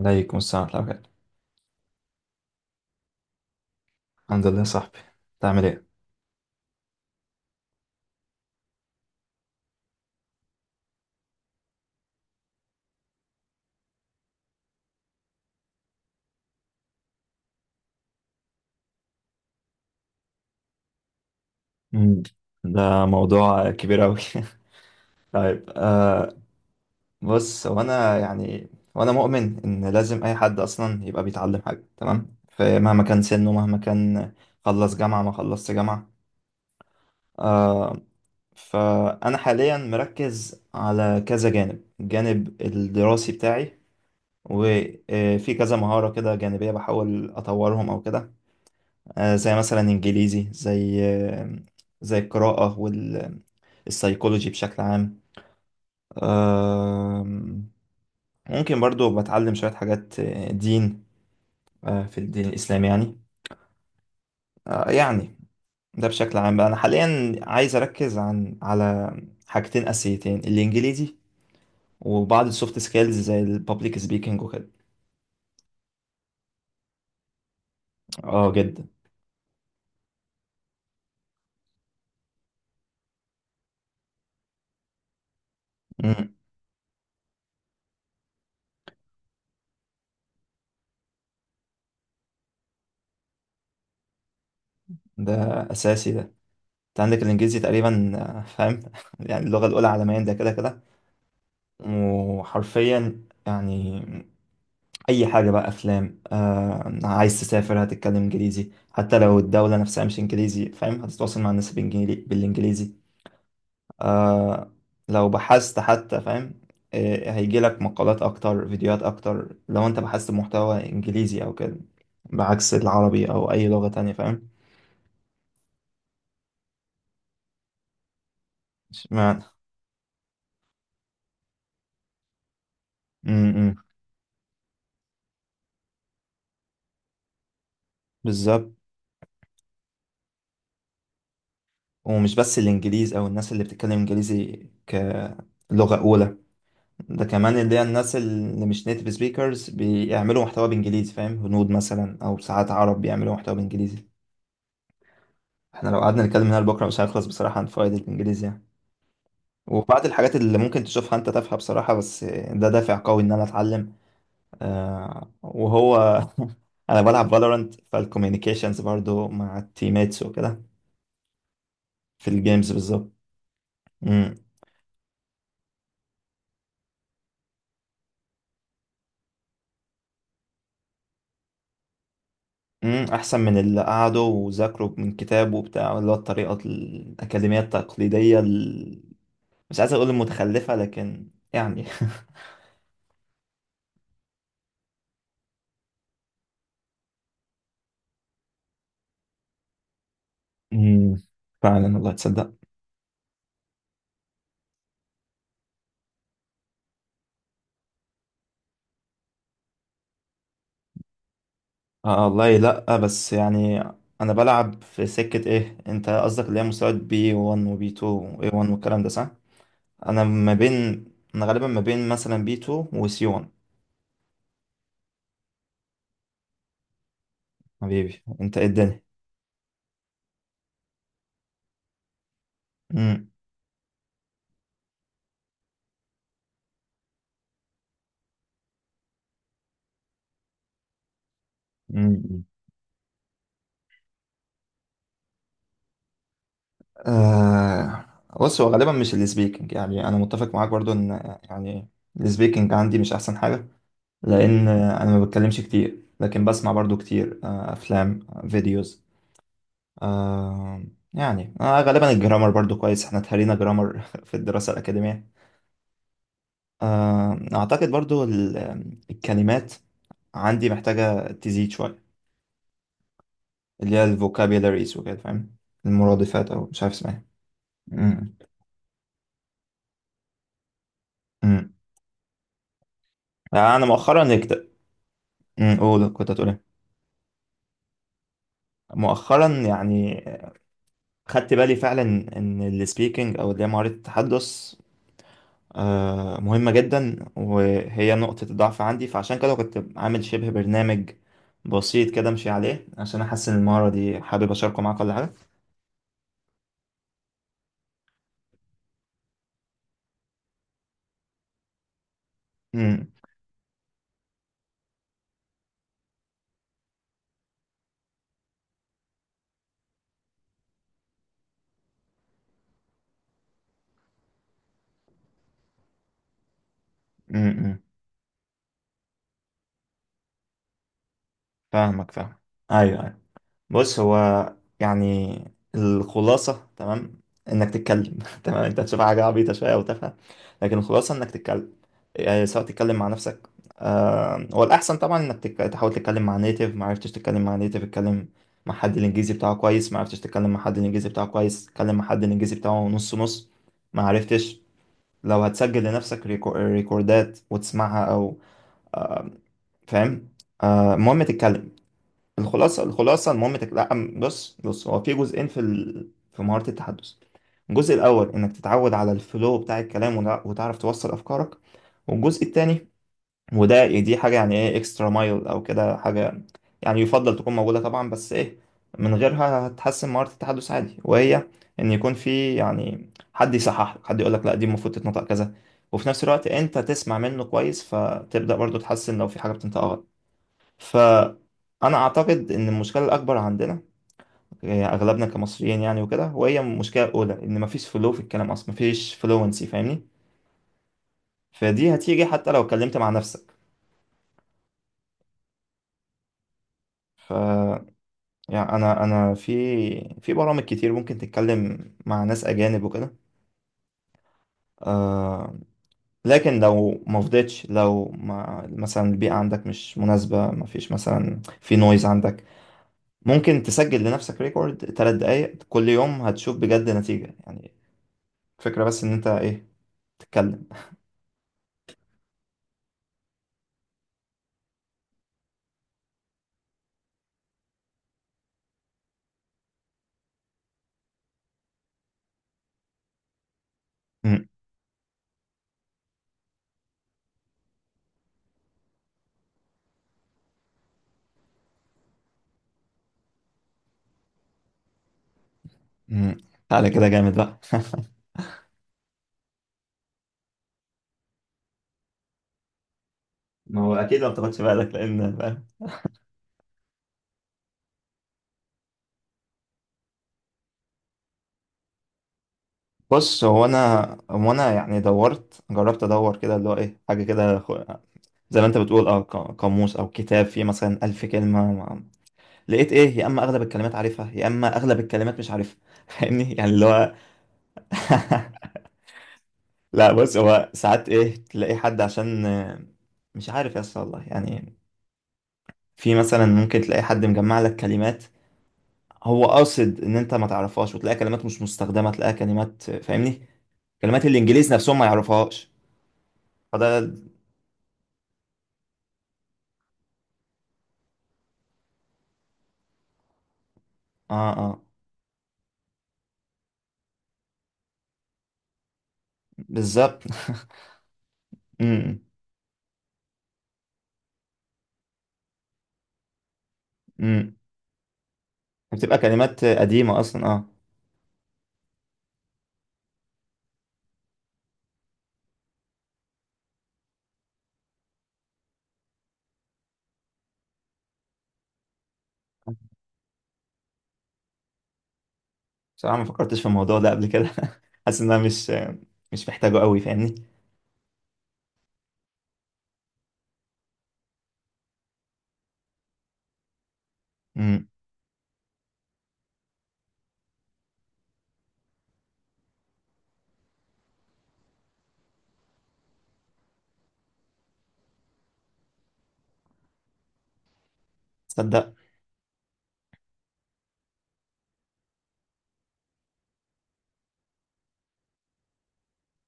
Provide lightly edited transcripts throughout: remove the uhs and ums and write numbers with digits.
عليكم السلام ورحمة الله وبركاته. الحمد لله يا صاحبي. تعمل ايه؟ مم. ده موضوع كبير أوي. طيب بص، هو أنا يعني، وأنا مؤمن إن لازم أي حد أصلا يبقى بيتعلم حاجة، تمام، فمهما كان سنه مهما كان، خلص جامعة ما خلصت جامعة. آه فأنا حاليا مركز على كذا جانب، الجانب الدراسي بتاعي، وفي كذا مهارة كده جانبية بحاول أطورهم أو كده. زي مثلا انجليزي، زي آه، زي القراءة والسايكولوجي بشكل عام. آم، ممكن برضو بتعلم شوية حاجات، دين، في الدين الإسلامي يعني. يعني ده بشكل عام بقى، أنا حاليا عايز أركز على حاجتين أساسيتين: الإنجليزي وبعض السوفت سكيلز زي البابليك سبيكنج وكده. اه جدا. مم. ده أساسي ده. انت عندك الإنجليزي تقريبا، فاهم، يعني اللغة الأولى عالميا، ده كده كده وحرفيا يعني اي حاجه بقى، افلام، آه عايز تسافر هتتكلم انجليزي، حتى لو الدوله نفسها مش انجليزي، فاهم، هتتواصل مع الناس بالانجليزي. آه لو بحثت حتى، فاهم، آه هيجي لك مقالات اكتر، فيديوهات اكتر لو انت بحثت بمحتوى انجليزي او كده، بعكس العربي او اي لغه تانية، فاهم. اشمعنى؟ م- م. بالظبط. ومش بس الانجليز او الناس اللي بتتكلم انجليزي كلغه اولى، ده كمان اللي هي الناس اللي مش نيتيف سبيكرز بيعملوا محتوى بانجليزي، فاهم، هنود مثلا او ساعات عرب بيعملوا محتوى بانجليزي. احنا لو قعدنا نتكلم هنا لبكره مش هنخلص بصراحه عن فوائد الانجليزي يعني. وبعض الحاجات اللي ممكن تشوفها انت تافهه بصراحه، بس ده دافع قوي ان انا اتعلم. آه وهو انا بلعب فالورانت، فالكوميونيكيشنز برضو مع التيميتس وكده. في الجيمز بالظبط. امم، امم، احسن من اللي قعدوا وذاكروا من كتاب وبتاع، اللي هو الطريقه الاكاديميه التقليديه، مش عايز اقول متخلفة لكن يعني. مم. فعلا والله تصدق. آه والله لا، بس يعني انا بلعب في سكة. ايه انت قصدك اللي هي مستويات بي 1 وبي 2 واي 1 والكلام ده؟ صح. انا ما بين انا غالبا ما بين مثلا بي 2 وسي 1. حبيبي انت ايه الدنيا. امم. مم. آه بص، هو غالبا مش السبيكنج، يعني انا متفق معاك برضو ان، يعني، السبيكنج عندي مش احسن حاجة، لان انا ما بتكلمش كتير، لكن بسمع برضو كتير، افلام، فيديوز، آه، غالبا الجرامر برضو كويس، احنا اتهرينا جرامر في الدراسة الأكاديمية. اعتقد برضو الكلمات عندي محتاجة تزيد شوية، اللي هي الفوكابيلاريز وكده، فاهم، المرادفات او مش عارف اسمها إيه. مم. مم. يعني انا مؤخرا قول، كنت هتقول ايه؟ مؤخرا يعني خدت بالي فعلا ان السبيكنج او اللي هي مهارة التحدث، مهمة جدا، وهي نقطة ضعف عندي، فعشان كده كنت عامل شبه برنامج بسيط كده امشي عليه عشان احسن المهارة دي. حابب اشاركه معاك ولا حاجة؟ امم، امم، فاهمك، فاهم، ايوه، أيوة. بص، هو يعني الخلاصة، تمام، انك تتكلم. تمام، انت هتشوف حاجة عبيطة شوية او تافهة، لكن الخلاصة انك تتكلم، يعني سواء تتكلم مع نفسك. آه هو الأحسن طبعا انك تحاول تتكلم مع نيتيف، ما عرفتش تتكلم مع نيتيف، اتكلم مع حد الإنجليزي بتاعه كويس، ما عرفتش تتكلم مع حد الإنجليزي بتاعه كويس، اتكلم مع حد الإنجليزي بتاعه نص نص، ما عرفتش، لو هتسجل لنفسك ريكوردات وتسمعها، أو فاهم، آه المهم تتكلم. الخلاصه المهم لا، بص، بص، هو في جزئين، في في مهاره التحدث: الجزء الاول انك تتعود على الفلو بتاع الكلام وتعرف توصل افكارك، والجزء الثاني، وده يعني دي حاجه يعني ايه اكسترا مايل او كده حاجه، يعني يفضل تكون موجوده طبعا، بس ايه، من غيرها هتحسن مهاره التحدث عادي، وهي ان يكون في يعني حد يصحح لك، حد يقول لك لا دي المفروض تتنطق كذا، وفي نفس الوقت انت تسمع منه كويس، فتبدا برضو تحسن لو في حاجه بتنطقها غلط. فأنا أعتقد إن المشكلة الأكبر عندنا، أغلبنا كمصريين يعني وكده، وهي المشكلة الأولى إن مفيش فلو في الكلام أصلا، مفيش فلوينسي، فاهمني، فدي هتيجي حتى لو اتكلمت مع نفسك. ف يعني أنا في برامج كتير ممكن تتكلم مع ناس أجانب وكده. آه لكن لو ما فضيتش، لو ما مثلا البيئة عندك مش مناسبة، مفيش مثلا في نويز عندك، ممكن تسجل لنفسك ريكورد 3 دقايق كل يوم، هتشوف بجد نتيجة يعني. الفكرة بس ان انت ايه، تتكلم. م- م. تعالى كده جامد بقى. ما هو اكيد لو تاخدش بالك لان فاهم. بص هو انا يعني دورت، جربت ادور كده، اللي هو ايه حاجه كده زي ما انت بتقول اه قاموس او كتاب فيه مثلا 1000 كلمه لقيت ايه، يا اما اغلب الكلمات عارفها يا اما اغلب الكلمات مش عارفها. فاهمني يعني اللي هو لا، بص، هو ساعات ايه تلاقي حد عشان، مش عارف يا اسطى والله يعني، في مثلا ممكن تلاقي حد مجمع لك كلمات هو قاصد ان انت ما تعرفهاش، وتلاقي كلمات مش مستخدمه، تلاقي كلمات، فاهمني، كلمات الانجليز نفسهم ما يعرفهاش، فده اه اه بالظبط. امم، امم، بتبقى كلمات قديمه اصلا اه. بصراحه ما فكرتش في الموضوع ده قبل كده. حاسس ان انا مش محتاجه قوي، فاهمني. امم، تصدق.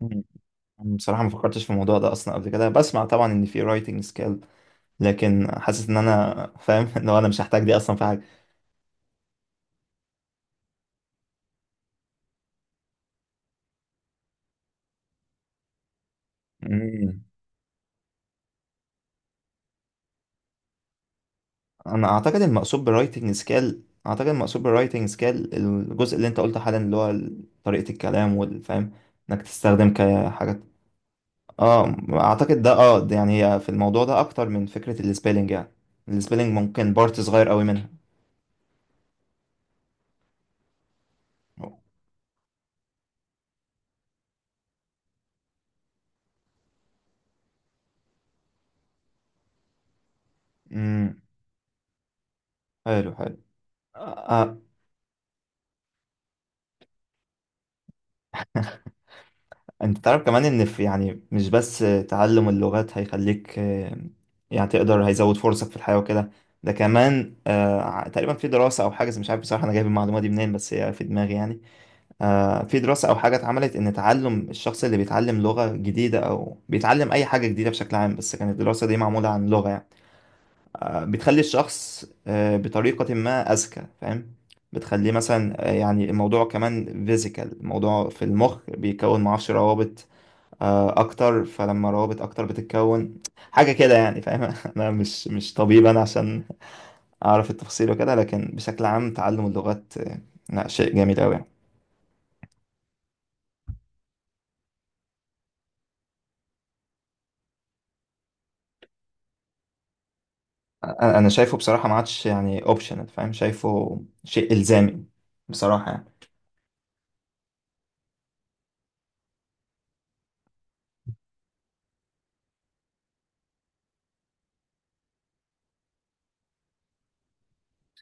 مم. بصراحه ما فكرتش في الموضوع ده اصلا قبل كده، بسمع طبعا ان في رايتنج سكيل، لكن حاسس ان انا فاهم. لو انا مش هحتاج دي اصلا في حاجه. مم. انا اعتقد المقصود بالرايتنج سكيل، اعتقد المقصود بالرايتنج سكيل الجزء اللي انت قلته حالا، اللي هو طريقة الكلام والفهم، انك تستخدم كحاجات. اه اعتقد ده، اه ده يعني هي في الموضوع ده اكتر من فكرة السبيلنج يعني. السبيلنج ممكن بارت صغير قوي منها. امم، حلو، حلو. آه، آه. انت تعرف كمان ان في يعني مش بس تعلم اللغات هيخليك، يعني تقدر، هيزود فرصك في الحياة وكده، ده كمان، تقريبا في دراسة او حاجة مش عارف بصراحة انا جايب المعلومة دي منين، بس هي في دماغي يعني. في دراسة او حاجة اتعملت ان تعلم الشخص اللي بيتعلم لغة جديدة او بيتعلم اي حاجة جديدة بشكل عام، بس كانت الدراسة دي معمولة عن لغة يعني، بتخلي الشخص، بطريقة ما اذكى، فاهم، بتخليه مثلا، يعني الموضوع كمان فيزيكال، الموضوع في المخ بيكون معرفش روابط، اكتر، فلما روابط اكتر بتتكون، حاجه كده يعني، فاهم. انا مش طبيب انا عشان اعرف التفاصيل وكده، لكن بشكل عام تعلم اللغات، لا شيء جميل قوي يعني. أنا شايفه بصراحه ما عادش يعني اوبشنال، فاهم، شايفه شيء الزامي بصراحه يعني.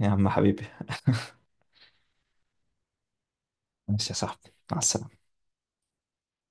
يا عم حبيبي. ماشي يا صاحبي، مع السلامه.